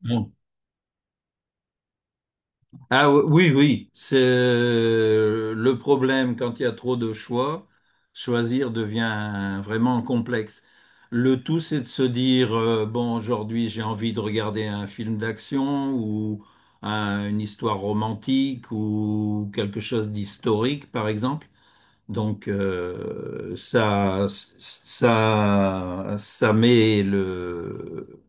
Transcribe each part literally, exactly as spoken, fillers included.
Bon. Ah oui, oui, oui. c'est euh, le problème quand il y a trop de choix, choisir devient vraiment complexe. Le tout, c'est de se dire, euh, bon, aujourd'hui j'ai envie de regarder un film d'action ou un- une histoire romantique ou quelque chose d'historique, par exemple. Donc euh, ça, ça, ça met le,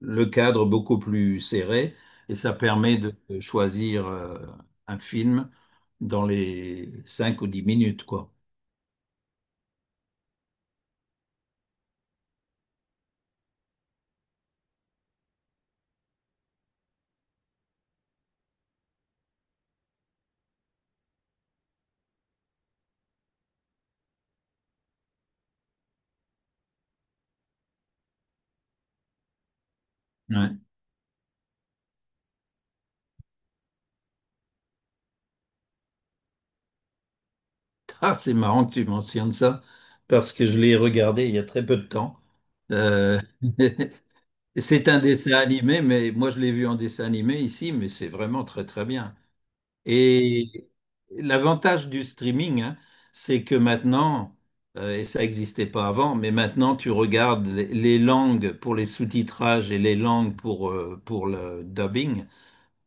le cadre beaucoup plus serré et ça permet Mhm. de choisir euh, un film dans les cinq ou dix minutes, quoi. Ouais. Ah, c'est marrant que tu mentionnes ça parce que je l'ai regardé il y a très peu de temps. Euh, c'est un dessin animé, mais moi je l'ai vu en dessin animé ici, mais c'est vraiment très très bien. Et l'avantage du streaming, hein, c'est que maintenant, euh, et ça n'existait pas avant, mais maintenant tu regardes les, les langues pour les sous-titrages et les langues pour, euh, pour le dubbing,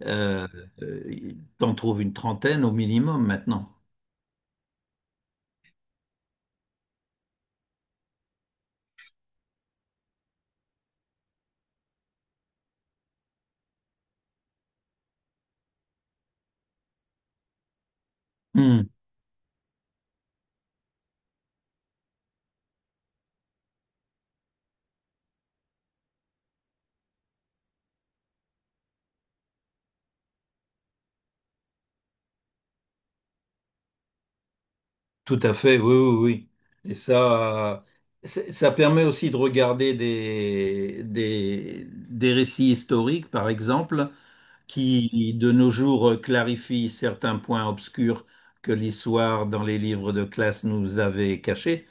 euh, euh, t'en trouves une trentaine au minimum maintenant. Hmm, tout à fait, oui, oui, oui. Et ça, c'est- ça permet aussi de regarder des, des, des récits historiques, par exemple, qui de nos jours clarifie certains points obscurs que l'histoire dans les livres de classe nous avait cachés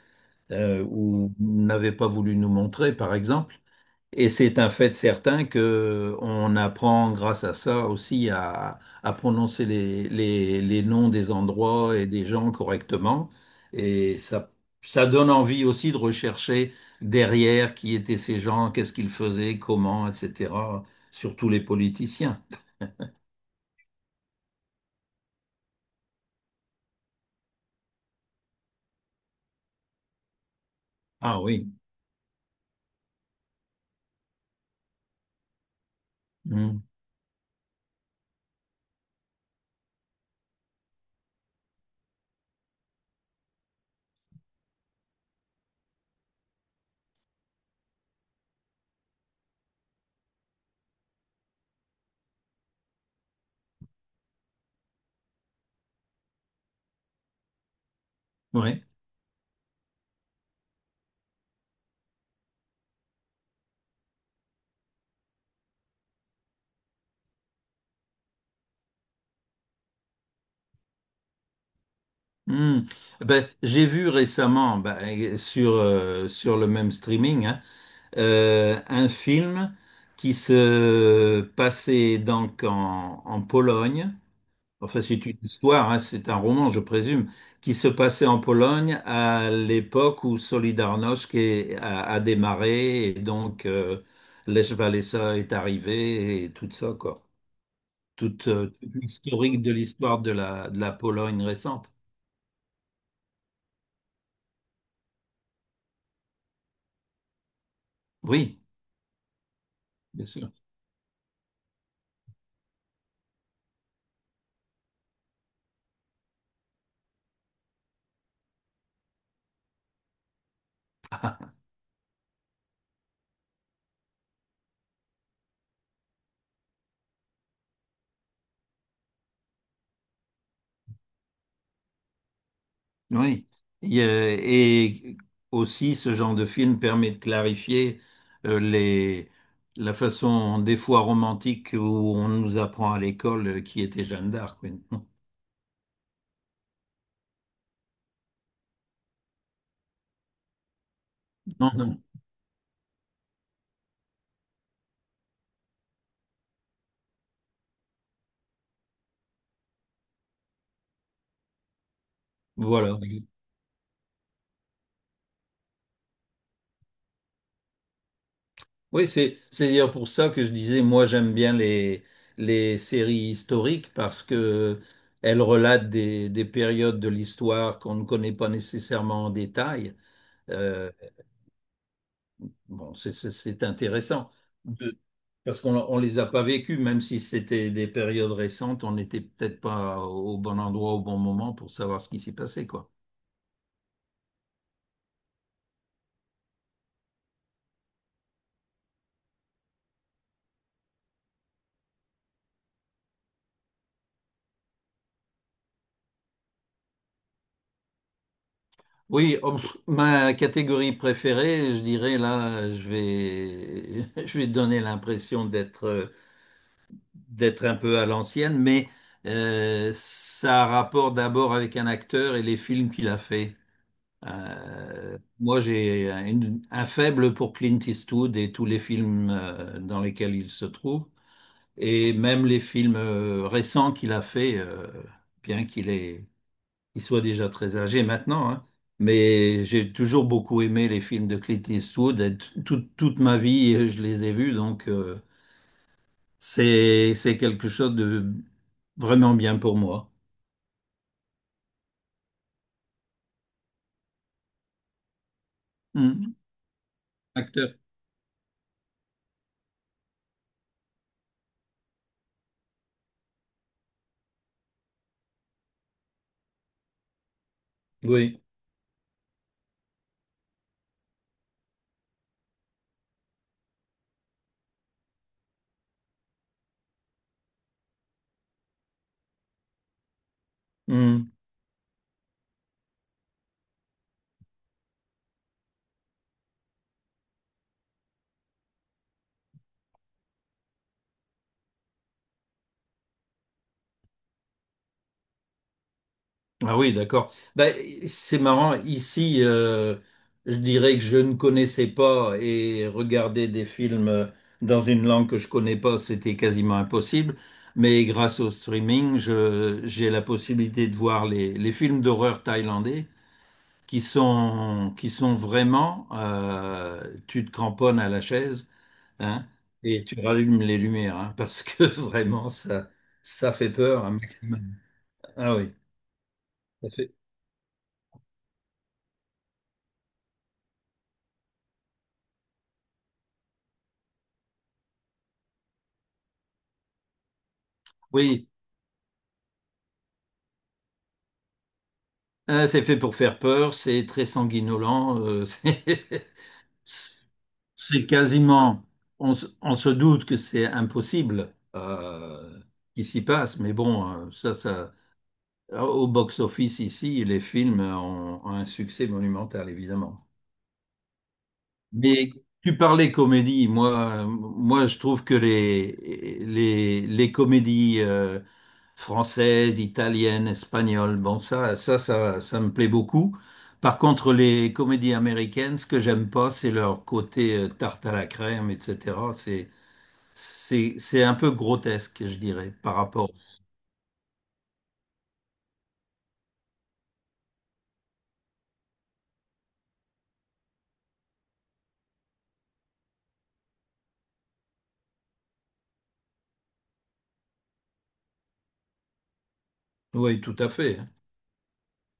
euh, ou n'avait pas voulu nous montrer, par exemple. Et c'est un fait certain que on apprend grâce à ça aussi à, à prononcer les, les- les noms des endroits et des gens correctement. Et ça, ça donne envie aussi de rechercher derrière qui étaient ces gens, qu'est-ce qu'ils faisaient, comment, et cetera, surtout les politiciens. Ah oui. Mm. Ouais. Mm. Ben, j'ai vu récemment ben, sur, euh, sur le même streaming hein, euh, un film qui se passait donc en, en Pologne. Enfin, c'est une histoire, hein, c'est un roman, je présume, qui se passait en Pologne à l'époque où Solidarność est- a, a démarré et donc euh, Lech Walesa est arrivé et tout ça, quoi. Toute, euh, toute l'historique de l'histoire de la, de la Pologne récente. Oui. Bien sûr. Oui. Et, euh, et aussi, ce genre de film permet de clarifier euh, les, la façon, des fois romantique, où on nous apprend à l'école euh, qui était Jeanne d'Arc. Oui. Non, non. Non. Voilà. Oui, c'est, c'est d'ailleurs pour ça que je disais, moi, j'aime bien les, les séries historiques parce que elles relatent des, des périodes de l'histoire qu'on ne connaît pas nécessairement en détail. Euh, Bon, c'est c'est- c'est intéressant de- parce qu'on on les a pas vécus, même si c'était des périodes récentes, on n'était peut-être pas au bon endroit au bon moment pour savoir ce qui s'y passait, quoi. Oui, oh, pff, ma catégorie préférée, je dirais là, je vais, je vais donner l'impression d'être euh, d'être un peu à l'ancienne, mais euh, ça a rapport d'abord avec un acteur et les films qu'il a fait. Euh, moi, j'ai un une- un faible pour Clint Eastwood et tous les films euh, dans lesquels il se trouve, et même les films euh, récents qu'il a fait, euh, bien qu'il est, il soit déjà très âgé maintenant, hein, mais j'ai toujours beaucoup aimé les films de Clint Eastwood. Et t- toute toute ma vie, euh, je les ai vus, donc euh, c'est c'est quelque chose de vraiment bien pour moi. Hmm. Acteur. Oui. Mmh. Ah oui, d'accord. Bah, c'est marrant. Ici, euh, je dirais que je ne connaissais pas et regarder des films euh, dans une langue que je connais pas, c'était quasiment impossible. Mais grâce au streaming, je, j'ai la possibilité de voir les, les films d'horreur thaïlandais qui sont, qui sont vraiment, euh, tu te cramponnes à la chaise, hein, et tu rallumes les lumières, hein, parce que vraiment, ça, ça fait peur un maximum. Ah oui, ça fait. Oui. Ah, c'est fait pour faire peur, c'est très sanguinolent, euh, c'est c'est quasiment, on, se on se doute que c'est impossible euh, qu'il s'y passe, mais bon, euh, ça, ça, au box-office ici, les films ont ont un succès monumental, évidemment. Mais tu parlais comédie. Moi, euh, moi, je trouve que les les les comédies euh, françaises, italiennes, espagnoles, bon ça, ça, ça, ça me plaît beaucoup. Par contre, les comédies américaines, ce que j'aime pas, c'est leur côté euh, tarte à la crème, et cetera. C'est c'est c'est un peu grotesque, je dirais, par rapport. Oui, tout à fait. Hein.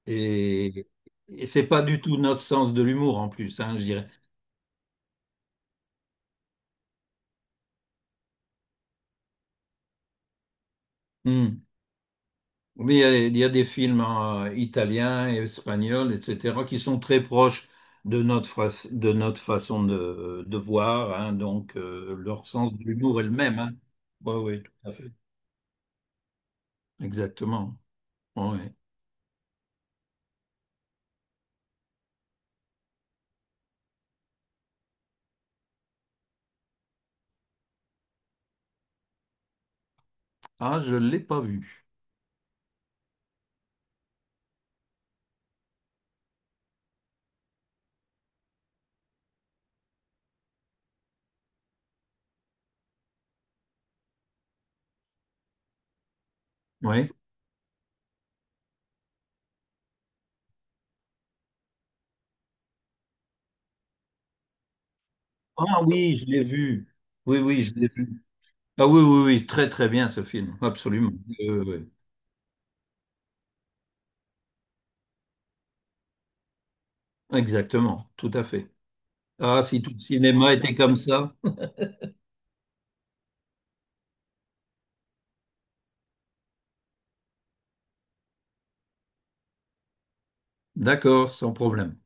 Et et c'est pas du tout notre sens de l'humour en plus, hein, je dirais. Hmm. Oui, il y a, il y a des films hein, italiens et espagnols, et cetera, qui sont très proches de notre, fa- de notre façon de, de voir, hein. donc euh, leur sens de l'humour est le même. Hein. Oui, oui, tout à fait. Exactement. Ouais. Ouais. Ah, je ne l'ai pas vu. Oui. Ah oui, je l'ai vu. Oui, oui, je l'ai vu. Ah oui, oui, oui, très très bien ce film, absolument. Oui, oui. Oui. Exactement, tout à fait. Ah, si tout le cinéma était comme ça, d'accord, sans problème.